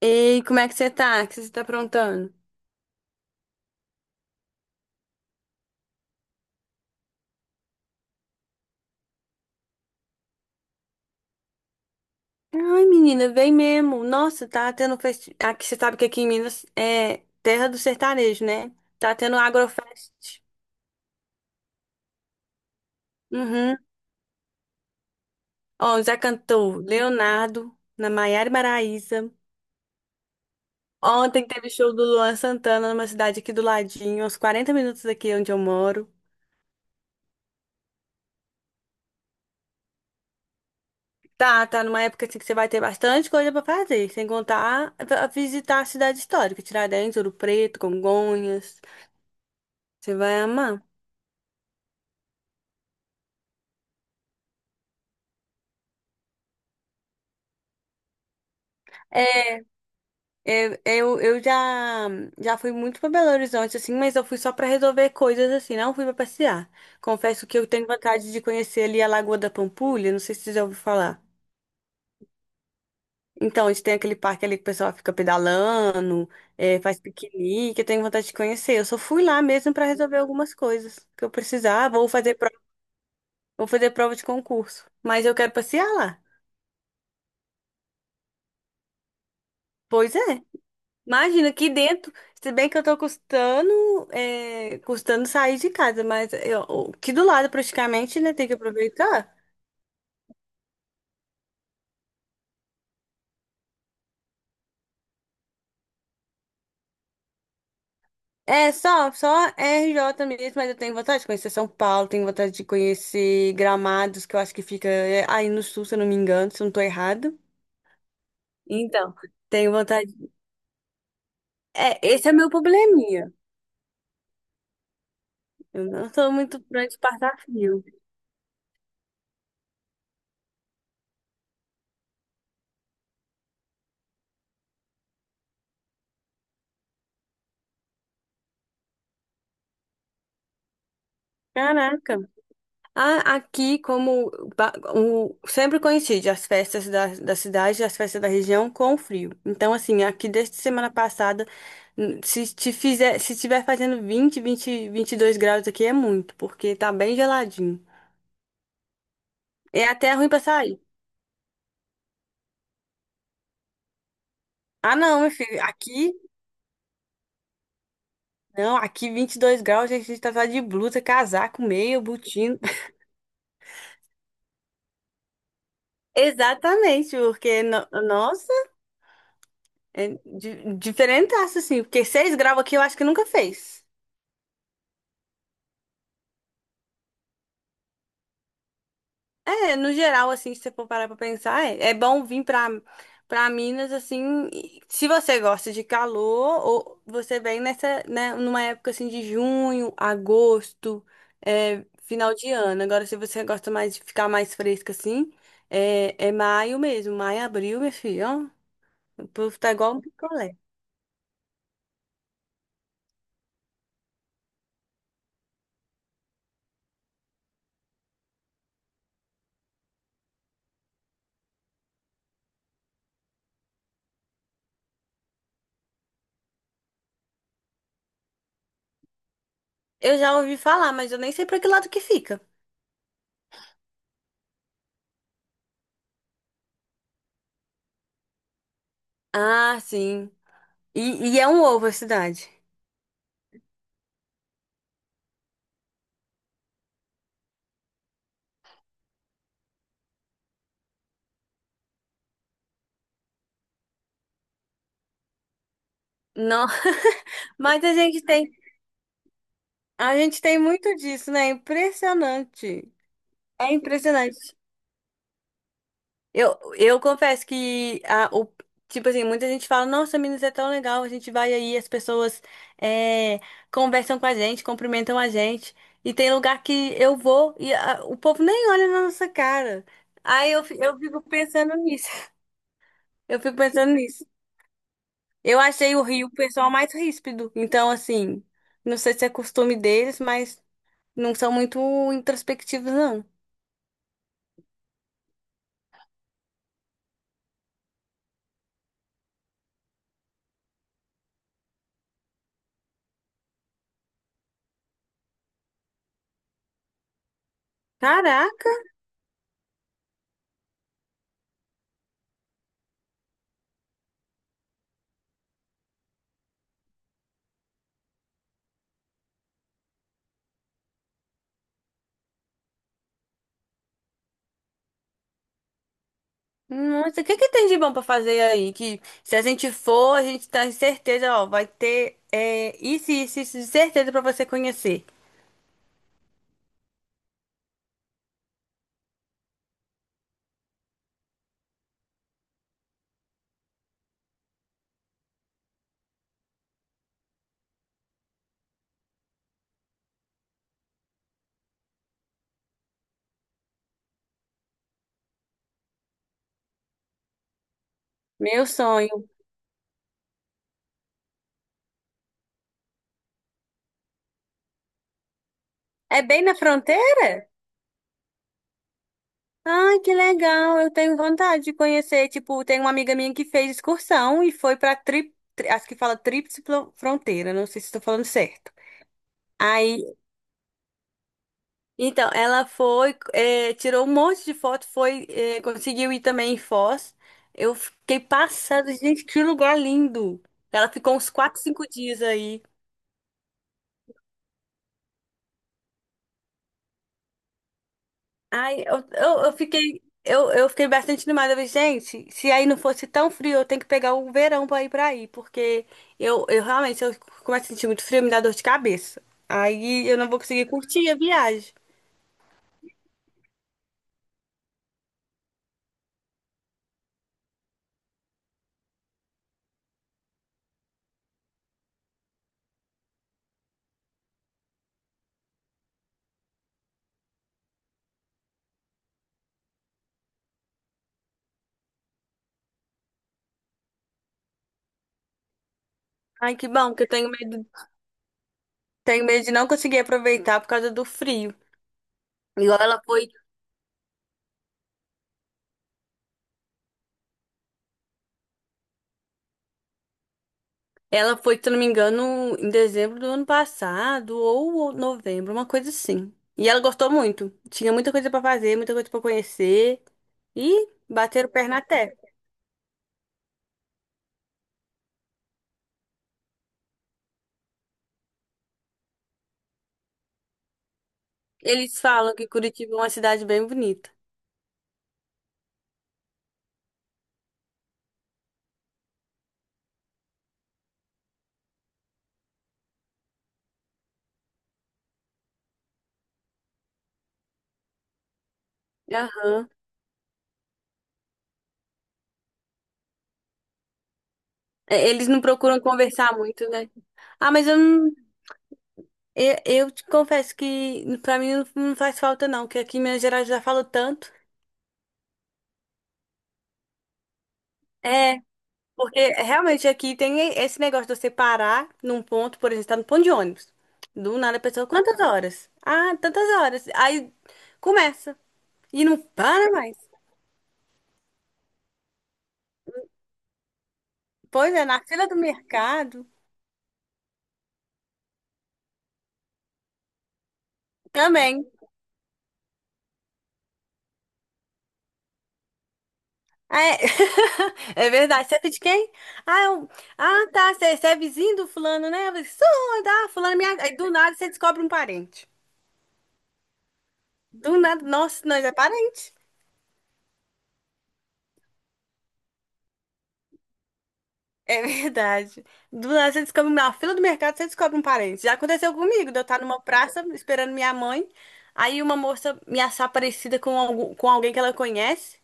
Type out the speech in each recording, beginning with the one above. Ei, como é que você tá? O que você tá aprontando? Ai, menina, vem mesmo. Nossa, tá tendo aqui, você sabe que aqui em Minas é terra do sertanejo, né? Tá tendo Agrofest. Uhum. Ó, já cantou Leonardo, na Maiara e Maraíza. Ontem teve show do Luan Santana numa cidade aqui do ladinho, uns 40 minutos daqui onde eu moro. Tá numa época assim que você vai ter bastante coisa pra fazer, sem contar a visitar a cidade histórica, Tiradentes, Ouro Preto, Congonhas. Você vai amar. É, Eu já fui muito pra Belo Horizonte, assim, mas eu fui só pra resolver coisas, assim, não fui pra passear. Confesso que eu tenho vontade de conhecer ali a Lagoa da Pampulha, não sei se você já ouviu falar. Então, a gente tem aquele parque ali que o pessoal fica pedalando, faz piquenique, eu tenho vontade de conhecer. Eu só fui lá mesmo pra resolver algumas coisas que eu precisava, ou fazer prova de concurso. Mas eu quero passear lá. Pois é. Imagina aqui dentro, se bem que eu tô custando, custando sair de casa, mas eu, aqui do lado praticamente, né, tem que aproveitar. É só RJ mesmo, mas eu tenho vontade de conhecer São Paulo, tenho vontade de conhecer Gramados, que eu acho que fica aí no sul, se eu não me engano, se eu não tô errado. Então, tenho vontade. É, esse é meu probleminha. Eu não sou muito fã de passar frio. Caraca. Aqui, como sempre coincide as festas da cidade, as festas da região com o frio. Então, assim, aqui desde semana passada, n- se te fizer, se estiver fazendo vinte e dois graus aqui é muito, porque tá bem geladinho. É até ruim pra sair. Ah, não, meu filho, aqui, não, aqui 22 graus, a gente tá só de blusa, casaco, meia, botina. Exatamente, porque, nossa, é diferentaço, assim, porque 6 graus aqui eu acho que nunca fez. É, no geral, assim, se você for parar pra pensar, é bom vir pra, Minas, assim, e se você gosta de calor, ou você vem nessa, né, numa época, assim, de junho, agosto, final de ano. Agora, se você gosta mais de ficar mais fresca, assim, é maio mesmo, maio, abril, meu filho, ó, o povo tá igual um picolé. Eu já ouvi falar, mas eu nem sei pra que lado que fica. Ah, sim. E, é um ovo a cidade. Não, mas a gente tem muito disso, né? É impressionante. É impressionante. Eu confesso que tipo assim, muita gente fala, nossa, Minas é tão legal, a gente vai aí, as pessoas é, conversam com a gente, cumprimentam a gente. E tem lugar que eu vou e o povo nem olha na nossa cara. Aí eu fico pensando nisso. Eu fico pensando nisso. Eu achei o Rio o pessoal mais ríspido. Então, assim, não sei se é costume deles, mas não são muito introspectivos, não. Caraca, nossa, o que que tem de bom pra fazer aí? Que se a gente for, a gente tá em certeza, ó, vai ter isso, isso, isso, de certeza pra você conhecer. Meu sonho. É bem na fronteira? Ai, que legal, eu tenho vontade de conhecer. Tipo, tem uma amiga minha que fez excursão e foi pra acho que fala tríplice fronteira, não sei se estou falando certo. Aí Então, ela foi, tirou um monte de foto, foi, conseguiu ir também em Foz. Eu fiquei passada, gente, que lugar lindo. Ela ficou uns 4, 5 dias aí. Ai, eu fiquei bastante animada. Eu falei, gente, se aí não fosse tão frio, eu tenho que pegar o verão para ir para aí, porque eu realmente, eu começo a sentir muito frio, me dá dor de cabeça. Aí eu não vou conseguir curtir a viagem. Ai, que bom, porque eu tenho medo de não conseguir aproveitar por causa do frio. Igual ela foi Ela foi, se eu não me engano, em dezembro do ano passado ou novembro, uma coisa assim. E ela gostou muito. Tinha muita coisa pra fazer, muita coisa pra conhecer e bateram perna até. Eles falam que Curitiba é uma cidade bem bonita. Aham. É, eles não procuram conversar muito, né? Ah, mas eu não. Eu te confesso que pra mim não não faz falta, não, que aqui em Minas Gerais já falo tanto. é Porque realmente aqui tem esse negócio de você parar num ponto, por exemplo, tá no ponto de ônibus. Do nada a pessoa, quantas horas? Ah, tantas horas. Aí começa e não para mais. Pois é, na fila do mercado também. É, é verdade. Você é de quem? Ah, eu... tá. Você é vizinho do fulano, né? Eu falei, Sou, tá. Fulano, é minha... Aí do nada você descobre um parente. Do nada, nossa, nós é parente. É verdade. Do nada você descobre, na fila do mercado, você descobre um parente. Já aconteceu comigo, de eu estar numa praça esperando minha mãe, aí uma moça me achar parecida com alguém que ela conhece.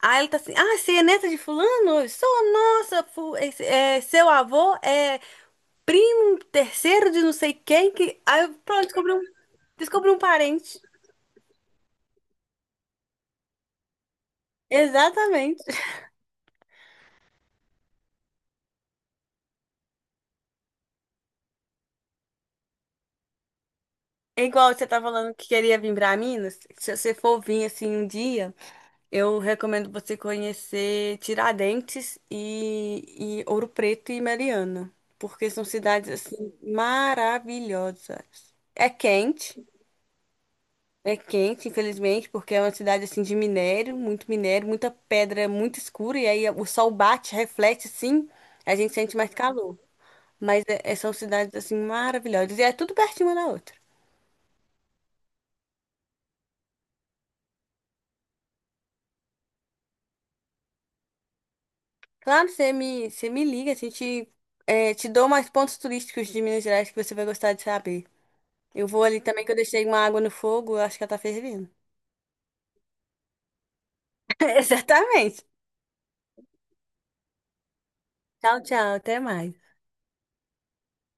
Aí ela tá assim: Ah, você é neta de fulano? Sou, nossa, seu avô é primo terceiro de não sei quem. Aí eu, pronto, descobri um parente. Exatamente. É igual você tá falando que queria vir pra Minas. Se você for vir assim um dia. Eu recomendo você conhecer Tiradentes e Ouro Preto e Mariana, porque são cidades assim maravilhosas. É quente, infelizmente, porque é uma cidade assim de minério, muito minério, muita pedra, muito escura e aí o sol bate, reflete, sim, a gente sente mais calor. Mas são cidades assim maravilhosas e é tudo pertinho uma da outra. Claro, você me liga, te dou mais pontos turísticos de Minas Gerais que você vai gostar de saber. Eu vou ali também que eu deixei uma água no fogo, eu acho que ela tá fervendo. Exatamente. Tchau, tchau, até mais.